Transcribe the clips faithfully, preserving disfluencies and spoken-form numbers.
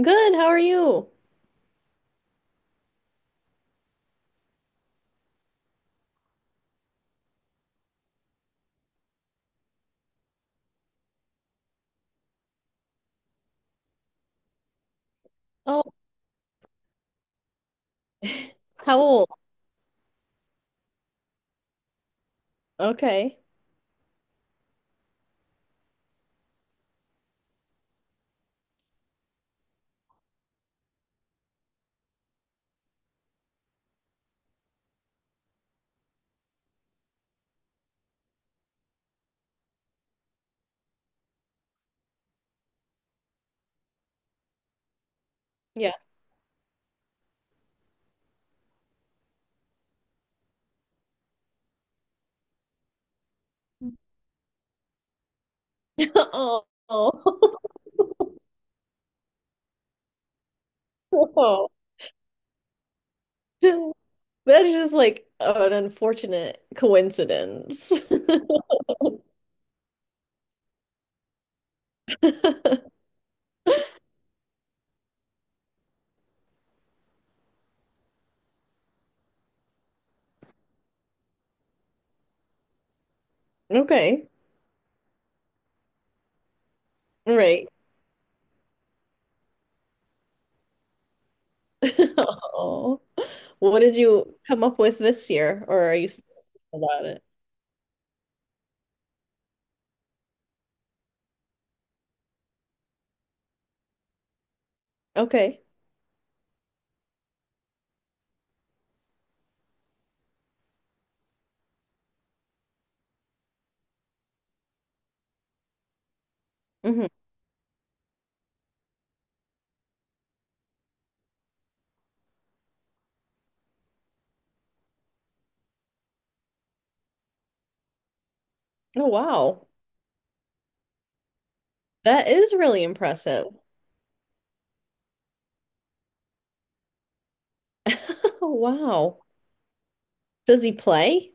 Good. How are you? Oh, how old? Okay. Yeah. Oh. Oh. Whoa. That's just like an unfortunate coincidence. Okay. Right. Oh. What did you come up with this year, or are you still thinking about it? Okay. Hmm. Oh, wow. That is really impressive. Wow. Does he play?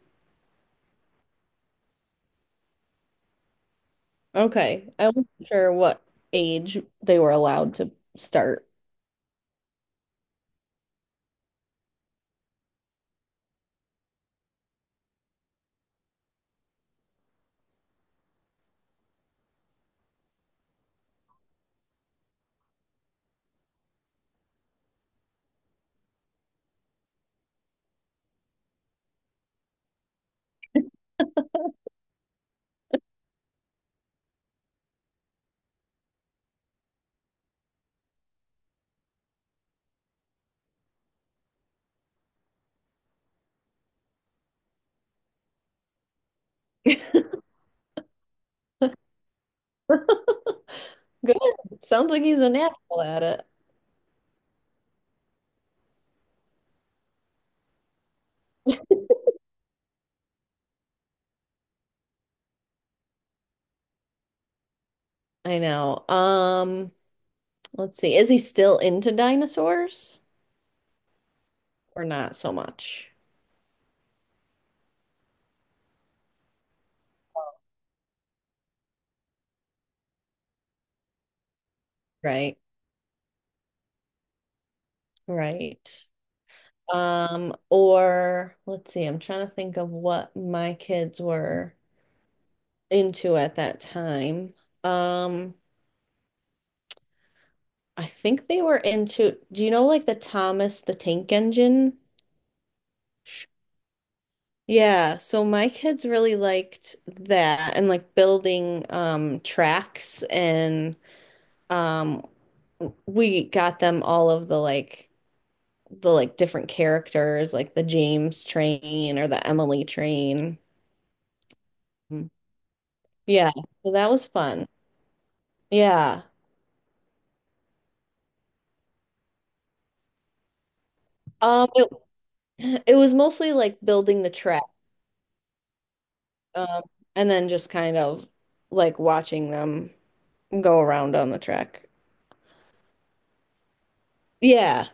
Okay. I wasn't sure what age they were allowed to start. Good. Sounds like he's a natural at it. I know. Um, let's see. Is he still into dinosaurs or not so much? Right. Right. Um, or let's see. I'm trying to think of what my kids were into at that time. Um, I think they were into, do you know like the Thomas the Tank Engine? Yeah, so my kids really liked that and like building um tracks and um we got them all of the like the like different characters like the James train or the Emily train. Mm. Yeah, so that was fun. Yeah. Um it, it was mostly like building the track um and then just kind of like watching them go around on the track. Yeah.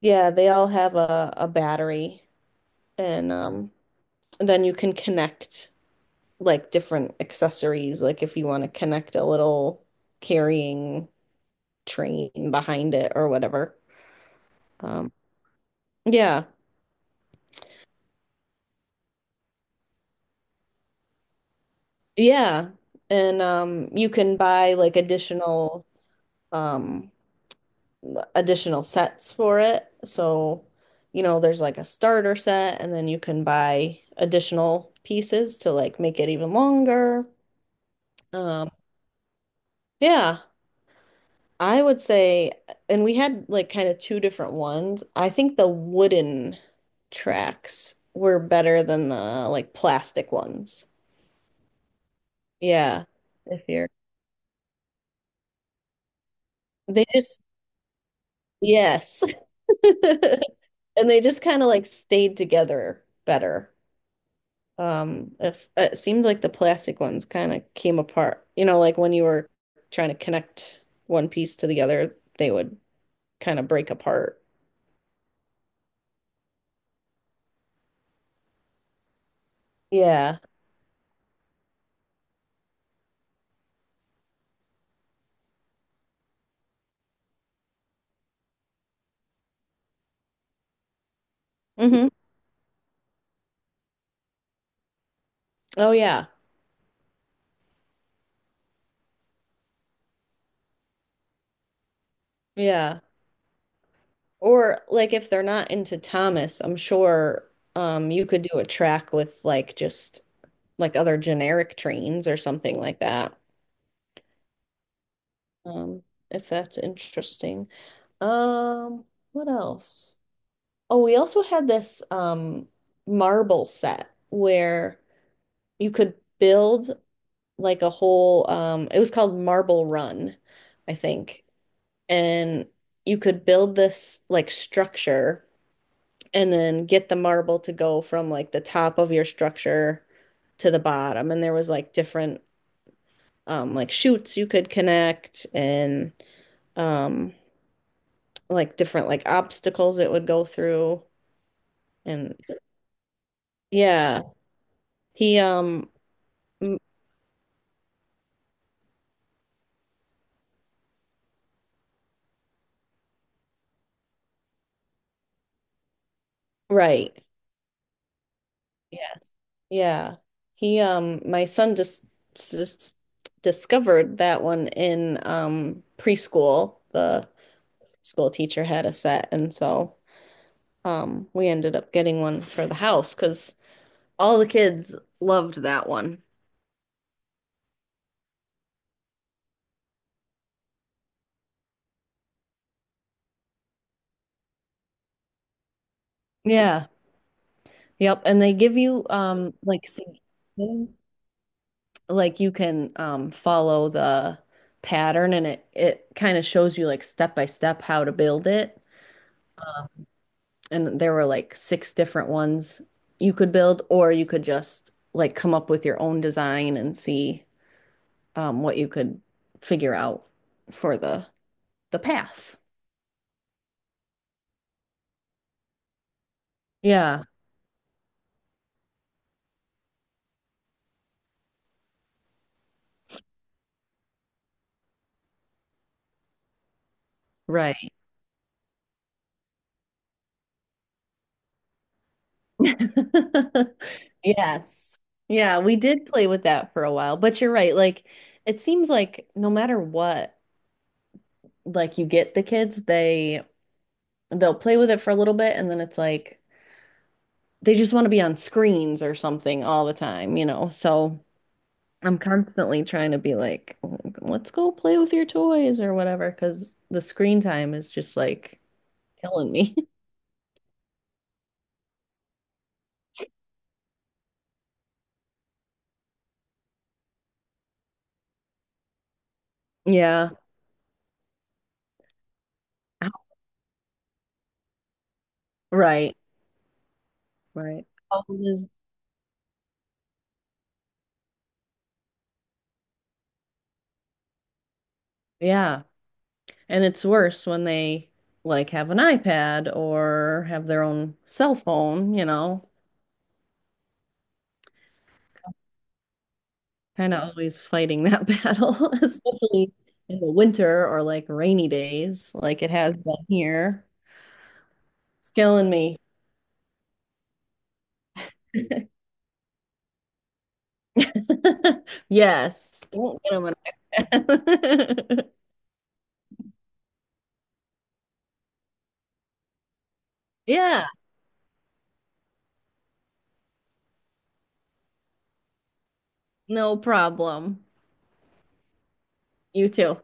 Yeah, they all have a a battery. And um, then you can connect like different accessories, like if you want to connect a little carrying train behind it or whatever. Um, yeah, yeah. And um, you can buy like additional um, additional sets for it. So, you know, there's like a starter set, and then you can buy additional pieces to like make it even longer. Um, yeah. I would say, and we had like kind of two different ones. I think the wooden tracks were better than the like plastic ones. Yeah. If you're, they just, yes. And they just kind of like stayed together better. Um, if it seemed like the plastic ones kind of came apart, you know, like when you were trying to connect one piece to the other, they would kind of break apart. Yeah. Hmm. Oh, yeah. Yeah. Or like if they're not into Thomas, I'm sure um you could do a track with like just like other generic trains or something like that. Um if that's interesting. Um what else? Oh, we also had this um marble set where you could build like a whole um it was called Marble Run, I think. And you could build this like structure and then get the marble to go from like the top of your structure to the bottom. And there was like different um like chutes you could connect and um like different like obstacles it would go through. And yeah, he um right. Yes. Yeah. He um my son just just discovered that one in um preschool. The school teacher had a set and so um, we ended up getting one for the house because all the kids loved that one. Yeah. Yep. And they give you um like suggestions. Like you can um follow the pattern and it it kind of shows you like step by step how to build it. And there were like six different ones you could build or you could just like come up with your own design and see um what you could figure out for the the path. Yeah, right. Yes. Yeah, we did play with that for a while, but you're right. Like it seems like no matter what, like you get the kids, they they'll play with it for a little bit and then it's like they just want to be on screens or something all the time, you know. So I'm constantly trying to be like, let's go play with your toys or whatever, because the screen time is just like killing me. Yeah. Right. Right. How old is yeah. And it's worse when they like have an iPad or have their own cell phone, you know, kind of always fighting that battle, especially in the winter or like rainy days, like it has been here. It's killing me. Yes, don't get them an iPad. Yeah, no problem. You too.